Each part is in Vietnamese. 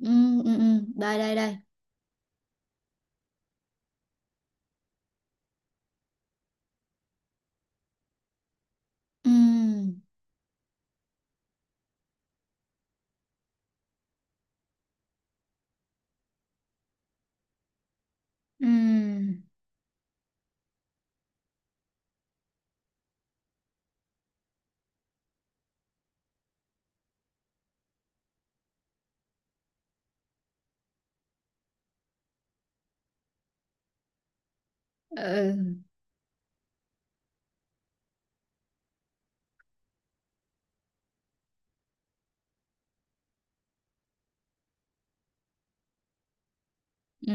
Ừ, ừ, ừ. Đây đây đây. Ừ, ừ, ừ, ừ.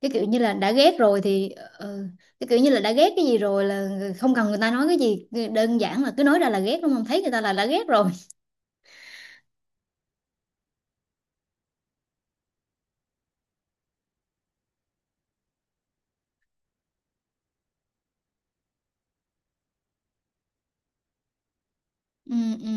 Cái kiểu như là đã ghét rồi thì... Ừ. Cái kiểu như là đã ghét cái gì rồi là không cần người ta nói cái gì, đơn giản là cứ nói ra là ghét, đúng không? Thấy người ta là đã ghét rồi. Ừ, ừ,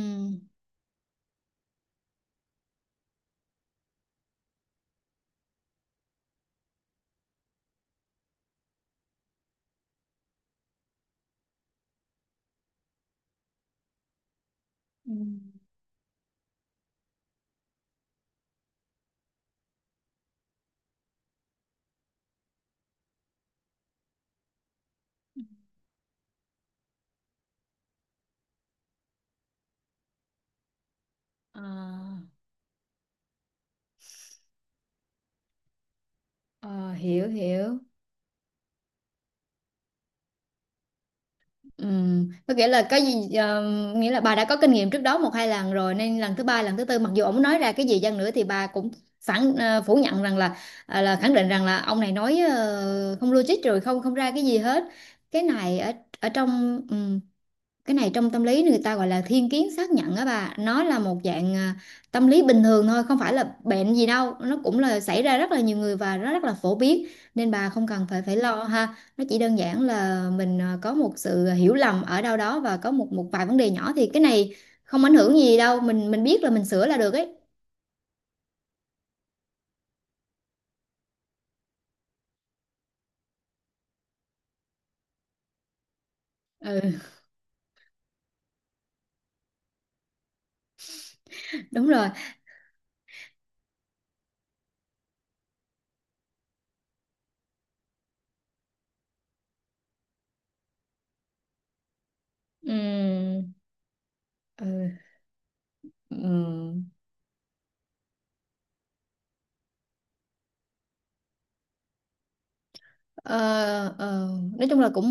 ừ. à, Hiểu hiểu. Có nghĩa là cái gì, nghĩa là bà đã có kinh nghiệm trước đó một hai lần rồi nên lần thứ ba, lần thứ tư, mặc dù ông nói ra cái gì chăng nữa thì bà cũng phủ nhận rằng là, à, là khẳng định rằng là ông này nói không logic rồi, không không ra cái gì hết. Cái này ở ở trong, cái này trong tâm lý người ta gọi là thiên kiến xác nhận á bà, nó là một dạng, à, tâm lý bình thường thôi, không phải là bệnh gì đâu, nó cũng là xảy ra rất là nhiều người và nó rất là phổ biến. Nên bà không cần phải phải lo ha, nó chỉ đơn giản là mình, à, có một sự hiểu lầm ở đâu đó, và có một một vài vấn đề nhỏ thì cái này không ảnh hưởng gì đâu, mình biết là mình sửa là được ấy. Ừ. Đúng rồi. Ừm, ừ. Ừ. Ờ, ờ, nói chung là cũng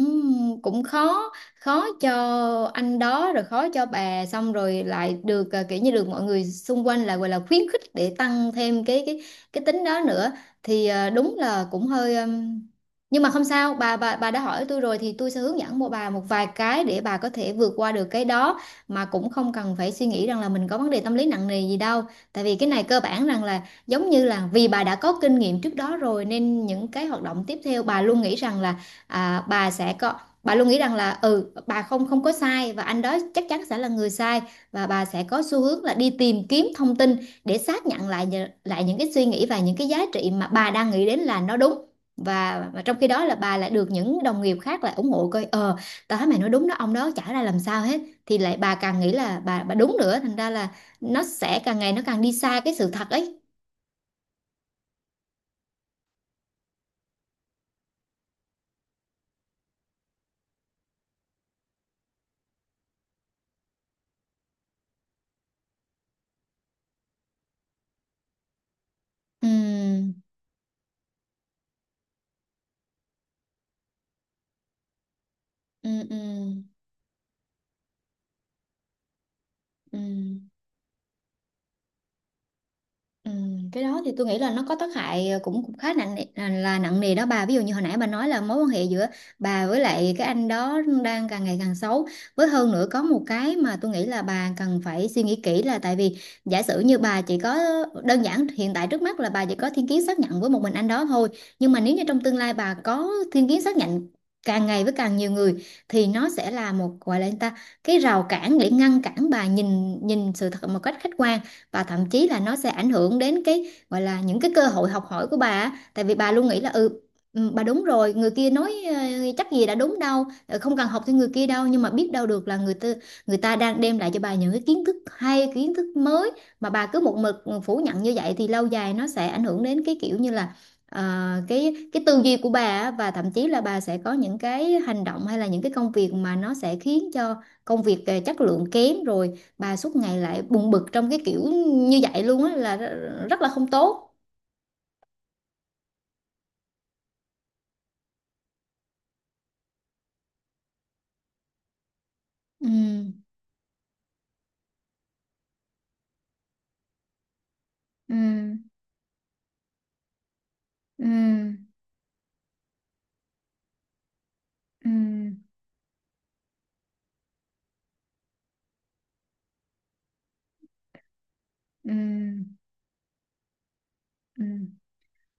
cũng khó khó cho anh đó rồi, khó cho bà, xong rồi lại được, à, kiểu như được mọi người xung quanh lại gọi là khuyến khích để tăng thêm cái tính đó nữa. Thì, à, đúng là cũng hơi, nhưng mà không sao, bà đã hỏi tôi rồi thì tôi sẽ hướng dẫn bà một vài cái để bà có thể vượt qua được cái đó. Mà cũng không cần phải suy nghĩ rằng là mình có vấn đề tâm lý nặng nề gì đâu, tại vì cái này cơ bản rằng là giống như là vì bà đã có kinh nghiệm trước đó rồi nên những cái hoạt động tiếp theo bà luôn nghĩ rằng là, à, bà sẽ có bà luôn nghĩ rằng là bà không không có sai và anh đó chắc chắn sẽ là người sai, và bà sẽ có xu hướng là đi tìm kiếm thông tin để xác nhận lại, lại những cái suy nghĩ và những cái giá trị mà bà đang nghĩ đến là nó đúng. Và trong khi đó là bà lại được những đồng nghiệp khác lại ủng hộ, coi, tao thấy mày nói đúng đó, ông đó chả ra làm sao hết, thì lại bà càng nghĩ là bà đúng nữa, thành ra là nó sẽ càng ngày nó càng đi xa cái sự thật ấy. Ừ, ừ, ừ, ừ. Ừ, cái đó thì tôi nghĩ là nó có tác hại, cũng cũng khá là nặng nề đó bà. Ví dụ như hồi nãy bà nói là mối quan hệ giữa bà với lại cái anh đó đang càng ngày càng xấu, với hơn nữa có một cái mà tôi nghĩ là bà cần phải suy nghĩ kỹ là tại vì giả sử như bà chỉ có, đơn giản hiện tại trước mắt là bà chỉ có thiên kiến xác nhận với một mình anh đó thôi, nhưng mà nếu như trong tương lai bà có thiên kiến xác nhận càng ngày với càng nhiều người thì nó sẽ là một, gọi là, người ta, cái rào cản để ngăn cản bà nhìn nhìn sự thật một cách khách quan. Và thậm chí là nó sẽ ảnh hưởng đến cái gọi là những cái cơ hội học hỏi của bà á. Tại vì bà luôn nghĩ là, bà đúng rồi, người kia nói, chắc gì đã đúng đâu, không cần học theo người kia đâu, nhưng mà biết đâu được là người ta đang đem lại cho bà những cái kiến thức hay, kiến thức mới, mà bà cứ một mực phủ nhận như vậy thì lâu dài nó sẽ ảnh hưởng đến cái kiểu như là, ờ, cái tư duy của bà á, và thậm chí là bà sẽ có những cái hành động hay là những cái công việc mà nó sẽ khiến cho công việc chất lượng kém rồi, bà suốt ngày lại buồn bực trong cái kiểu như vậy luôn á, là rất là không tốt. Ừ, ừ, ừ, ừ, ừ, ừ.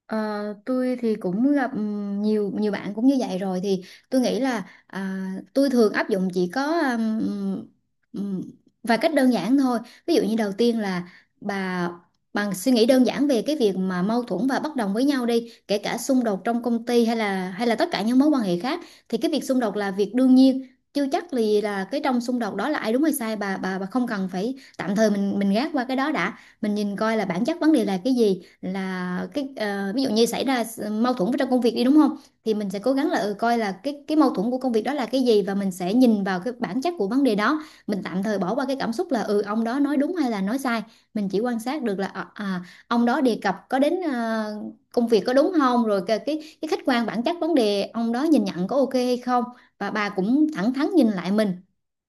Ờ, tôi thì cũng gặp, nhiều nhiều bạn cũng như vậy rồi thì tôi nghĩ là, à, tôi thường áp dụng chỉ có, ừm, vài cách đơn giản thôi. Ví dụ như đầu tiên là bà bằng suy nghĩ đơn giản về cái việc mà mâu thuẫn và bất đồng với nhau đi, kể cả xung đột trong công ty, hay là tất cả những mối quan hệ khác, thì cái việc xung đột là việc đương nhiên. Chưa chắc là cái trong xung đột đó là ai đúng hay sai, bà không cần phải, tạm thời mình gác qua cái đó đã, mình nhìn coi là bản chất vấn đề là cái gì. Là cái, ví dụ như xảy ra mâu thuẫn trong công việc đi, đúng không? Thì mình sẽ cố gắng là, coi là cái mâu thuẫn của công việc đó là cái gì, và mình sẽ nhìn vào cái bản chất của vấn đề đó, mình tạm thời bỏ qua cái cảm xúc là, ông đó nói đúng hay là nói sai. Mình chỉ quan sát được là, à, ông đó đề cập có đến, công việc, có đúng không, rồi cái khách quan bản chất vấn đề ông đó nhìn nhận có ok hay không. Và bà cũng thẳng thắn nhìn lại mình,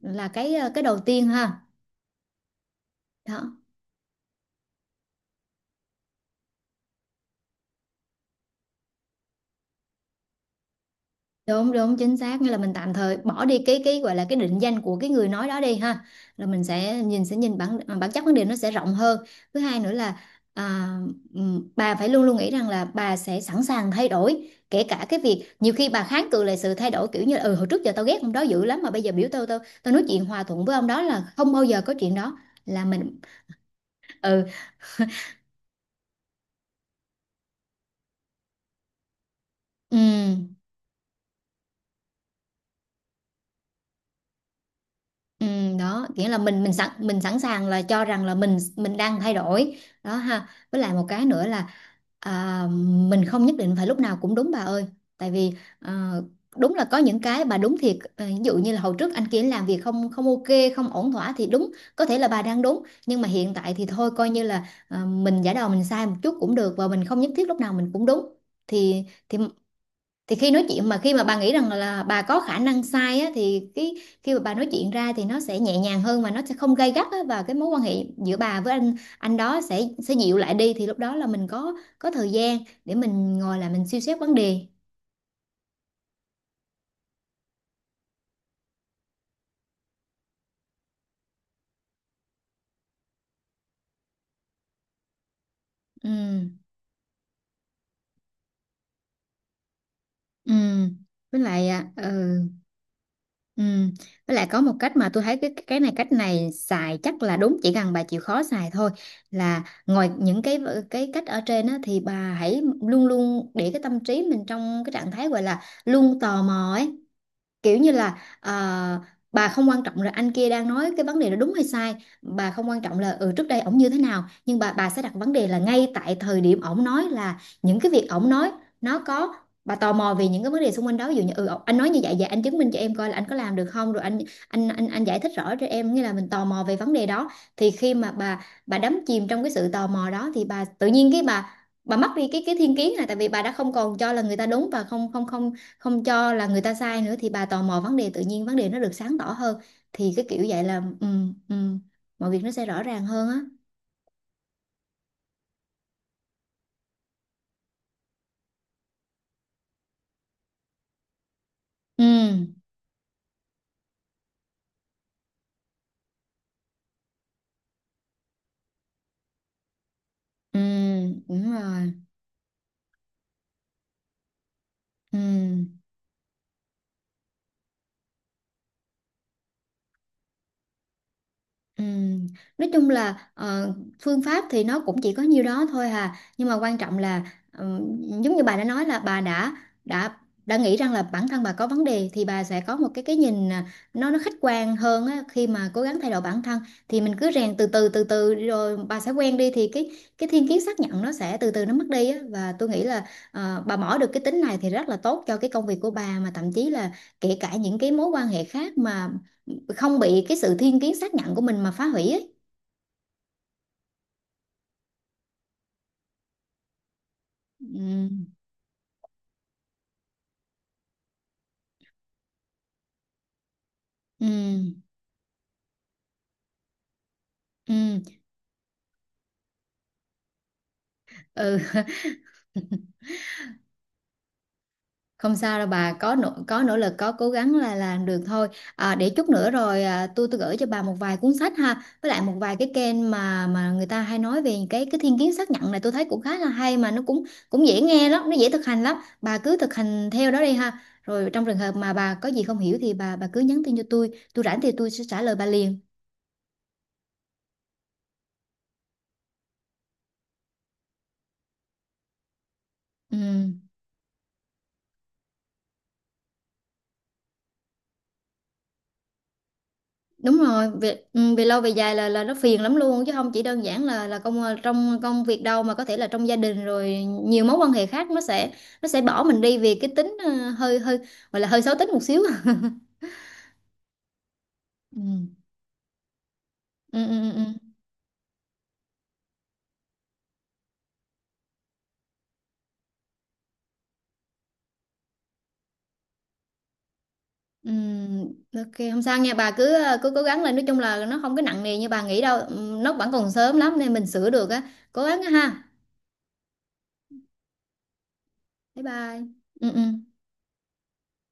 là cái, cái đầu tiên ha. Đó, đúng đúng, chính xác, nghĩa là mình tạm thời bỏ đi cái gọi là cái định danh của cái người nói đó đi ha, là mình sẽ nhìn bản chất vấn đề, nó sẽ rộng hơn. Thứ hai nữa là, à, bà phải luôn luôn nghĩ rằng là bà sẽ sẵn sàng thay đổi, kể cả cái việc nhiều khi bà kháng cự lại sự thay đổi, kiểu như là, hồi trước giờ tao ghét ông đó dữ lắm mà bây giờ biểu tao tao tao nói chuyện hòa thuận với ông đó là không bao giờ có chuyện đó. Là mình. Ừ. Ừ, đó nghĩa là mình sẵn sàng là cho rằng là mình đang thay đổi đó ha, với lại một cái nữa là, à, mình không nhất định phải lúc nào cũng đúng bà ơi, tại vì, à, đúng là có những cái bà đúng thiệt, à, ví dụ như là hồi trước anh kia làm việc không không ok, không ổn thỏa, thì đúng có thể là bà đang đúng, nhưng mà hiện tại thì thôi coi như là, à, mình giả đò mình sai một chút cũng được, và mình không nhất thiết lúc nào mình cũng đúng. Thì thì thì khi nói chuyện, mà khi mà bà nghĩ rằng là bà có khả năng sai á, thì cái, khi mà bà nói chuyện ra thì nó sẽ nhẹ nhàng hơn, mà nó sẽ không gay gắt á, và cái mối quan hệ giữa bà với anh đó sẽ dịu lại đi, thì lúc đó là mình có thời gian để mình ngồi lại mình suy xét vấn đề. Ừ. ừ với lại, à, ừ với lại có một cách mà tôi thấy cái này, cách này xài chắc là đúng, chỉ cần bà chịu khó xài thôi. Là ngoài những cái cách ở trên á, thì bà hãy luôn luôn để cái tâm trí mình trong cái trạng thái gọi là luôn tò mò ấy, kiểu như là, à, bà không quan trọng là anh kia đang nói cái vấn đề đó đúng hay sai, bà không quan trọng là, trước đây ổng như thế nào, nhưng bà sẽ đặt vấn đề là ngay tại thời điểm ổng nói là những cái việc ổng nói, nó có bà tò mò về những cái vấn đề xung quanh đó, ví dụ như, anh nói như vậy, vậy anh chứng minh cho em coi là anh có làm được không, rồi anh, anh giải thích rõ cho em, nghĩa là mình tò mò về vấn đề đó. Thì khi mà bà đắm chìm trong cái sự tò mò đó, thì bà tự nhiên cái bà mất đi cái thiên kiến, là tại vì bà đã không còn cho là người ta đúng và không không không không cho là người ta sai nữa, thì bà tò mò vấn đề tự nhiên, vấn đề nó được sáng tỏ hơn. Thì cái kiểu vậy là, ừ, mọi việc nó sẽ rõ ràng hơn á. Ừ, ừ, đúng rồi. Ừ. Ừm, Nói chung là, phương pháp thì nó cũng chỉ có nhiêu đó thôi hà, nhưng mà quan trọng là, ừm, giống như bà đã nói là bà đã đã nghĩ rằng là bản thân bà có vấn đề, thì bà sẽ có một cái nhìn, à, nó khách quan hơn á, khi mà cố gắng thay đổi bản thân, thì mình cứ rèn từ từ từ từ, rồi bà sẽ quen đi, thì cái thiên kiến xác nhận nó sẽ từ từ nó mất đi á. Và tôi nghĩ là, bà bỏ được cái tính này thì rất là tốt cho cái công việc của bà, mà thậm chí là kể cả những cái mối quan hệ khác mà không bị cái sự thiên kiến xác nhận của mình mà phá hủy ấy. Ừ, ừ, ừ, ừ. Không sao đâu, bà có nỗ lực, có cố gắng là làm được thôi. À, để chút nữa rồi, à, tôi gửi cho bà một vài cuốn sách ha, với lại một vài cái kênh mà người ta hay nói về cái thiên kiến xác nhận này, tôi thấy cũng khá là hay, mà nó cũng cũng dễ nghe lắm, nó dễ thực hành lắm. Bà cứ thực hành theo đó đi ha. Rồi trong trường hợp mà bà có gì không hiểu thì bà cứ nhắn tin cho tôi rảnh thì tôi sẽ trả lời bà liền. Ừ. Đúng rồi, về, về lâu về dài là nó phiền lắm luôn, chứ không chỉ đơn giản là trong công việc đâu, mà có thể là trong gia đình rồi, nhiều mối quan hệ khác nó sẽ bỏ mình đi vì cái tính, hơi hơi gọi là hơi xấu tính một xíu. Ừ. Ừ, ừ, ừ. Ừ. Ừ, ok, không sao nha, bà cứ cố gắng lên, nói chung là nó không có nặng nề như bà nghĩ đâu. Ừ, nó vẫn còn sớm lắm nên mình sửa được á. Cố gắng á ha. Bye bye. Ừ, ừ.